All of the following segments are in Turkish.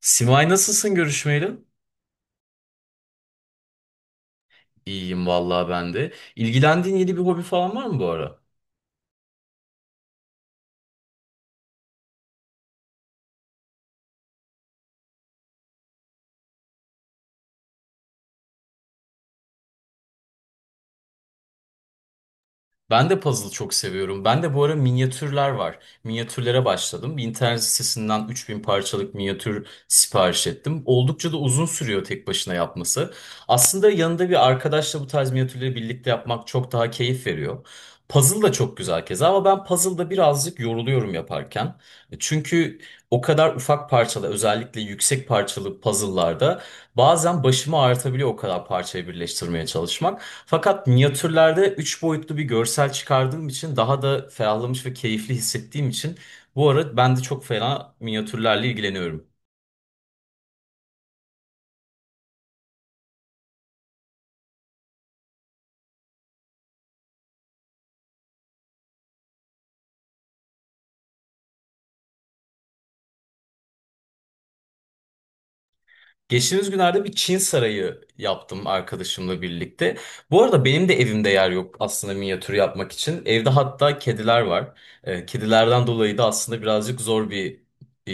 Simay, nasılsın görüşmeyeli? İyiyim vallahi ben de. İlgilendiğin yeni bir hobi falan var mı bu ara? Ben de puzzle çok seviyorum. Ben de bu ara minyatürler var. Minyatürlere başladım. Bir internet sitesinden 3.000 parçalık minyatür sipariş ettim. Oldukça da uzun sürüyor tek başına yapması. Aslında yanında bir arkadaşla bu tarz minyatürleri birlikte yapmak çok daha keyif veriyor. Puzzle da çok güzel keza ama ben puzzle'da birazcık yoruluyorum yaparken. Çünkü o kadar ufak parçalı, özellikle yüksek parçalı puzzle'larda bazen başıma artabiliyor o kadar parçayı birleştirmeye çalışmak. Fakat minyatürlerde 3 boyutlu bir görsel çıkardığım için daha da ferahlamış ve keyifli hissettiğim için bu ara ben de çok fena minyatürlerle ilgileniyorum. Geçtiğimiz günlerde bir Çin sarayı yaptım arkadaşımla birlikte. Bu arada benim de evimde yer yok aslında minyatür yapmak için. Evde hatta kediler var. Kedilerden dolayı da aslında birazcık zor bir e,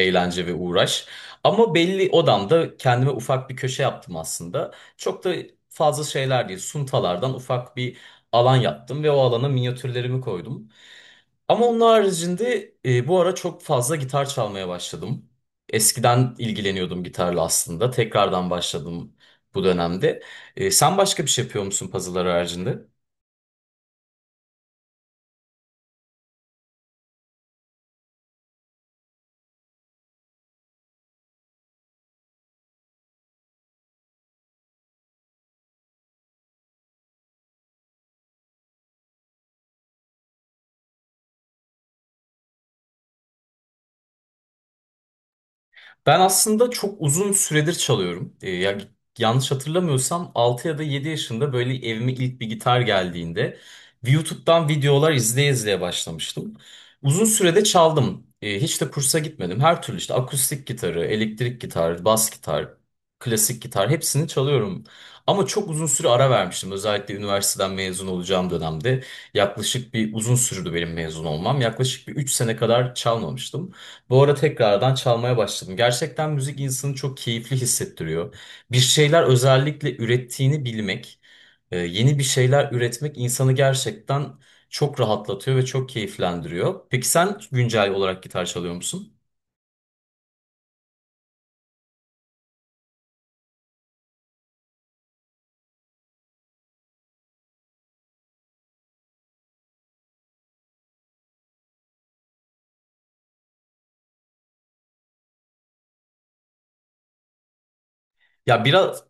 eğlence ve uğraş. Ama belli odamda kendime ufak bir köşe yaptım aslında. Çok da fazla şeyler değil. Suntalardan ufak bir alan yaptım ve o alana minyatürlerimi koydum. Ama onun haricinde bu ara çok fazla gitar çalmaya başladım. Eskiden ilgileniyordum gitarla aslında. Tekrardan başladım bu dönemde. Sen başka bir şey yapıyor musun puzzle'lar haricinde? Ben aslında çok uzun süredir çalıyorum. Ya, yanlış hatırlamıyorsam 6 ya da 7 yaşında böyle evime ilk bir gitar geldiğinde YouTube'dan videolar izleye izleye başlamıştım. Uzun sürede çaldım. Hiç de kursa gitmedim. Her türlü işte akustik gitarı, elektrik gitar, bas gitar, klasik gitar, hepsini çalıyorum. Ama çok uzun süre ara vermiştim. Özellikle üniversiteden mezun olacağım dönemde yaklaşık bir uzun sürdü benim mezun olmam. Yaklaşık bir 3 sene kadar çalmamıştım. Bu ara tekrardan çalmaya başladım. Gerçekten müzik insanı çok keyifli hissettiriyor. Bir şeyler özellikle ürettiğini bilmek, yeni bir şeyler üretmek insanı gerçekten çok rahatlatıyor ve çok keyiflendiriyor. Peki sen güncel olarak gitar çalıyor musun? Ya biraz.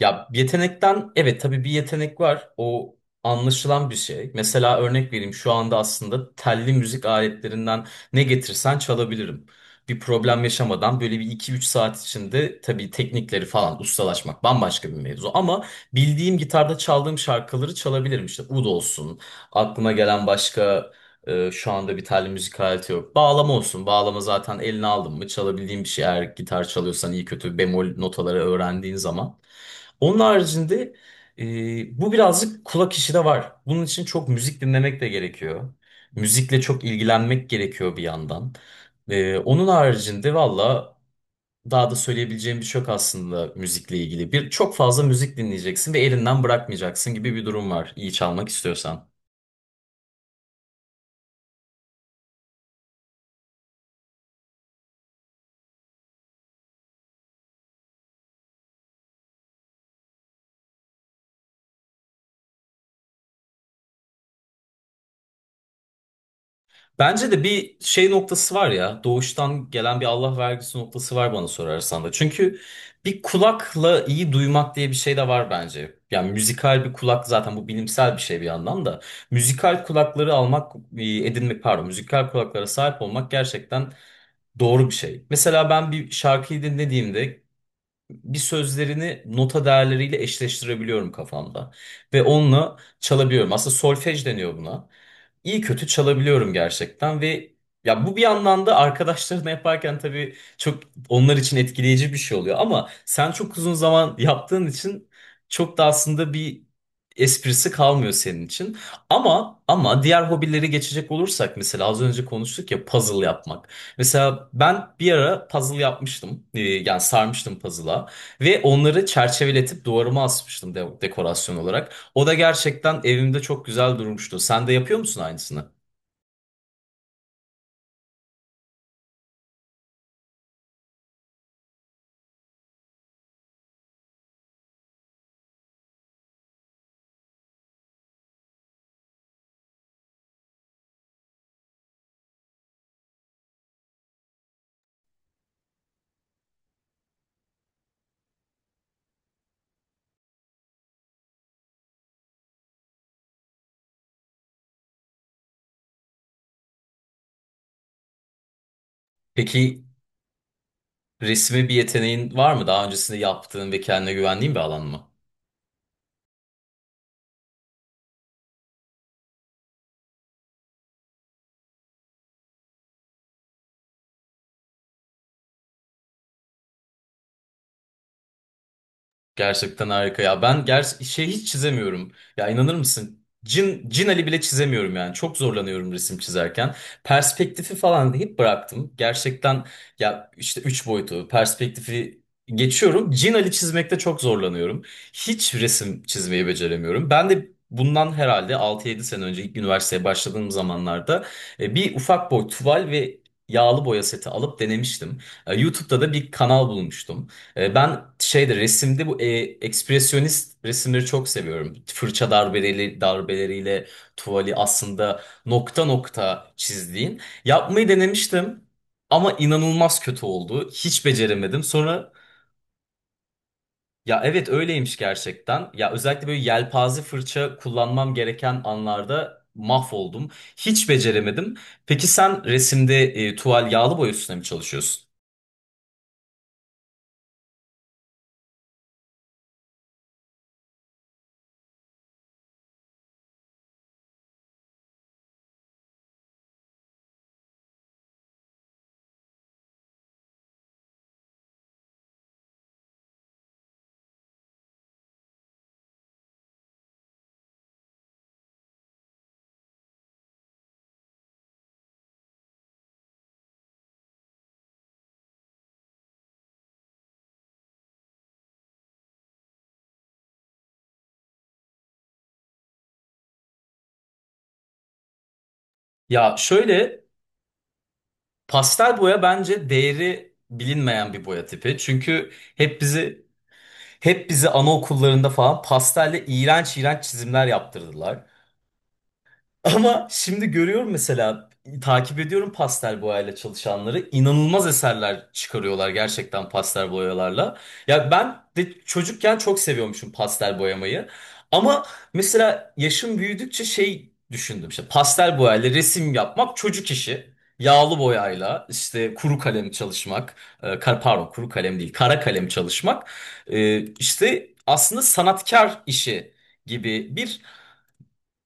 Ya yetenekten, evet, tabii bir yetenek var. O anlaşılan bir şey. Mesela örnek vereyim, şu anda aslında telli müzik aletlerinden ne getirsen çalabilirim. Bir problem yaşamadan, böyle bir iki üç saat içinde. Tabii teknikleri falan ustalaşmak bambaşka bir mevzu. Ama bildiğim, gitarda çaldığım şarkıları çalabilirim. İşte ud olsun, aklıma gelen başka şu anda bir telli müzik aleti yok. Bağlama olsun, bağlama zaten eline aldın mı çalabildiğin bir şey, eğer gitar çalıyorsan iyi kötü bemol notaları öğrendiğin zaman. Onun haricinde bu birazcık kulak işi de var. Bunun için çok müzik dinlemek de gerekiyor. Müzikle çok ilgilenmek gerekiyor bir yandan. Onun haricinde valla daha da söyleyebileceğim bir şey yok aslında müzikle ilgili. Bir çok fazla müzik dinleyeceksin ve elinden bırakmayacaksın gibi bir durum var iyi çalmak istiyorsan. Bence de bir şey noktası var ya. Doğuştan gelen bir Allah vergisi noktası var bana sorarsan da. Çünkü bir kulakla iyi duymak diye bir şey de var bence. Yani müzikal bir kulak, zaten bu bilimsel bir şey bir yandan da. Müzikal kulakları almak, edinmek pardon, müzikal kulaklara sahip olmak gerçekten doğru bir şey. Mesela ben bir şarkıyı dinlediğimde bir sözlerini nota değerleriyle eşleştirebiliyorum kafamda. Ve onunla çalabiliyorum. Aslında solfej deniyor buna. İyi kötü çalabiliyorum gerçekten ve ya, bu bir yandan da arkadaşlarına yaparken tabii çok onlar için etkileyici bir şey oluyor, ama sen çok uzun zaman yaptığın için çok da aslında bir esprisi kalmıyor senin için. Ama diğer hobileri geçecek olursak, mesela az önce konuştuk ya, puzzle yapmak. Mesela ben bir ara puzzle yapmıştım. Yani sarmıştım puzzle'a. Ve onları çerçeveletip duvarıma asmıştım dekorasyon olarak. O da gerçekten evimde çok güzel durmuştu. Sen de yapıyor musun aynısını? Peki resme bir yeteneğin var mı? Daha öncesinde yaptığın ve kendine güvendiğin bir alan mı? Gerçekten harika ya. Ben şey, hiç çizemiyorum. Ya, inanır mısın? Cin Ali bile çizemiyorum yani. Çok zorlanıyorum resim çizerken. Perspektifi falan deyip bıraktım. Gerçekten ya, işte üç boyutu, perspektifi geçiyorum. Cin Ali çizmekte çok zorlanıyorum. Hiç resim çizmeyi beceremiyorum. Ben de bundan herhalde 6-7 sene önce, ilk üniversiteye başladığım zamanlarda bir ufak boy tuval ve yağlı boya seti alıp denemiştim. YouTube'da da bir kanal bulmuştum. Ben şeyde, resimde bu ekspresyonist resimleri çok seviyorum. Fırça darbeleriyle tuvali aslında nokta nokta çizdiğin. Yapmayı denemiştim ama inanılmaz kötü oldu. Hiç beceremedim. Sonra, ya evet öyleymiş gerçekten. Ya özellikle böyle yelpaze fırça kullanmam gereken anlarda mahvoldum. Hiç beceremedim. Peki sen resimde tuval, yağlı boya üstüne mi çalışıyorsun? Ya şöyle. Pastel boya bence değeri bilinmeyen bir boya tipi. Çünkü hep bizi hep bizi anaokullarında falan pastelle iğrenç iğrenç çizimler yaptırdılar. Ama şimdi görüyorum, mesela takip ediyorum pastel boyayla çalışanları. İnanılmaz eserler çıkarıyorlar gerçekten pastel boyalarla. Ya ben de çocukken çok seviyormuşum pastel boyamayı. Ama mesela yaşım büyüdükçe şey düşündüm, işte pastel boyayla resim yapmak çocuk işi. Yağlı boyayla, işte kuru kalem çalışmak, pardon kuru kalem değil, kara kalem çalışmak, işte aslında sanatkar işi gibi bir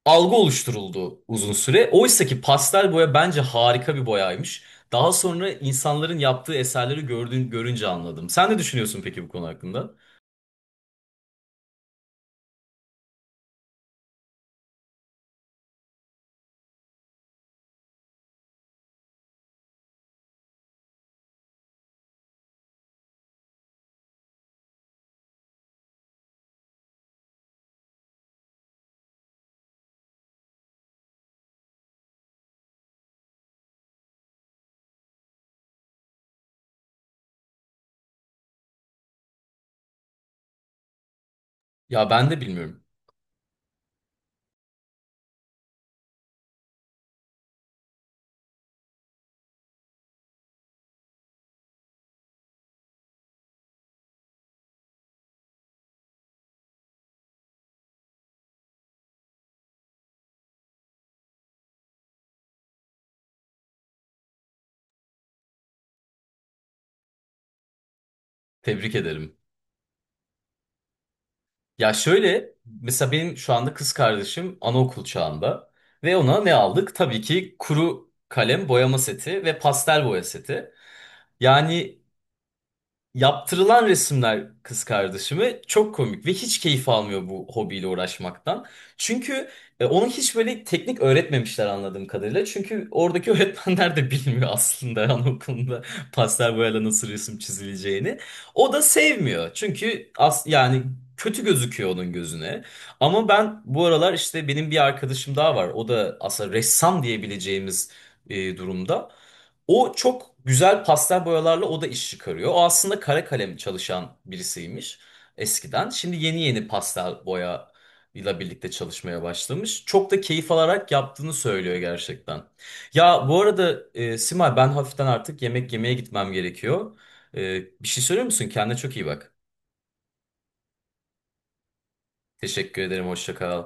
algı oluşturuldu uzun süre. Oysa ki pastel boya bence harika bir boyaymış. Daha sonra insanların yaptığı eserleri görünce anladım. Sen ne düşünüyorsun peki bu konu hakkında? Ya, ben de bilmiyorum. Tebrik ederim. Ya şöyle, mesela benim şu anda kız kardeşim anaokul çağında, ve ona ne aldık? Tabii ki kuru kalem boyama seti ve pastel boya seti. Yani, yaptırılan resimler kız kardeşime çok komik ve hiç keyif almıyor bu hobiyle uğraşmaktan. Çünkü onu hiç böyle teknik öğretmemişler anladığım kadarıyla. Çünkü oradaki öğretmenler de bilmiyor aslında anaokulunda pastel boyayla nasıl resim çizileceğini. O da sevmiyor. Çünkü yani kötü gözüküyor onun gözüne. Ama ben bu aralar, işte benim bir arkadaşım daha var. O da aslında ressam diyebileceğimiz durumda. O çok güzel, pastel boyalarla o da iş çıkarıyor. O aslında kara kalem çalışan birisiymiş eskiden. Şimdi yeni yeni pastel boya ile birlikte çalışmaya başlamış. Çok da keyif alarak yaptığını söylüyor gerçekten. Ya bu arada Simay, ben hafiften artık yemek yemeye gitmem gerekiyor. Bir şey söylüyor musun? Kendine çok iyi bak. Teşekkür ederim. Hoşça kal.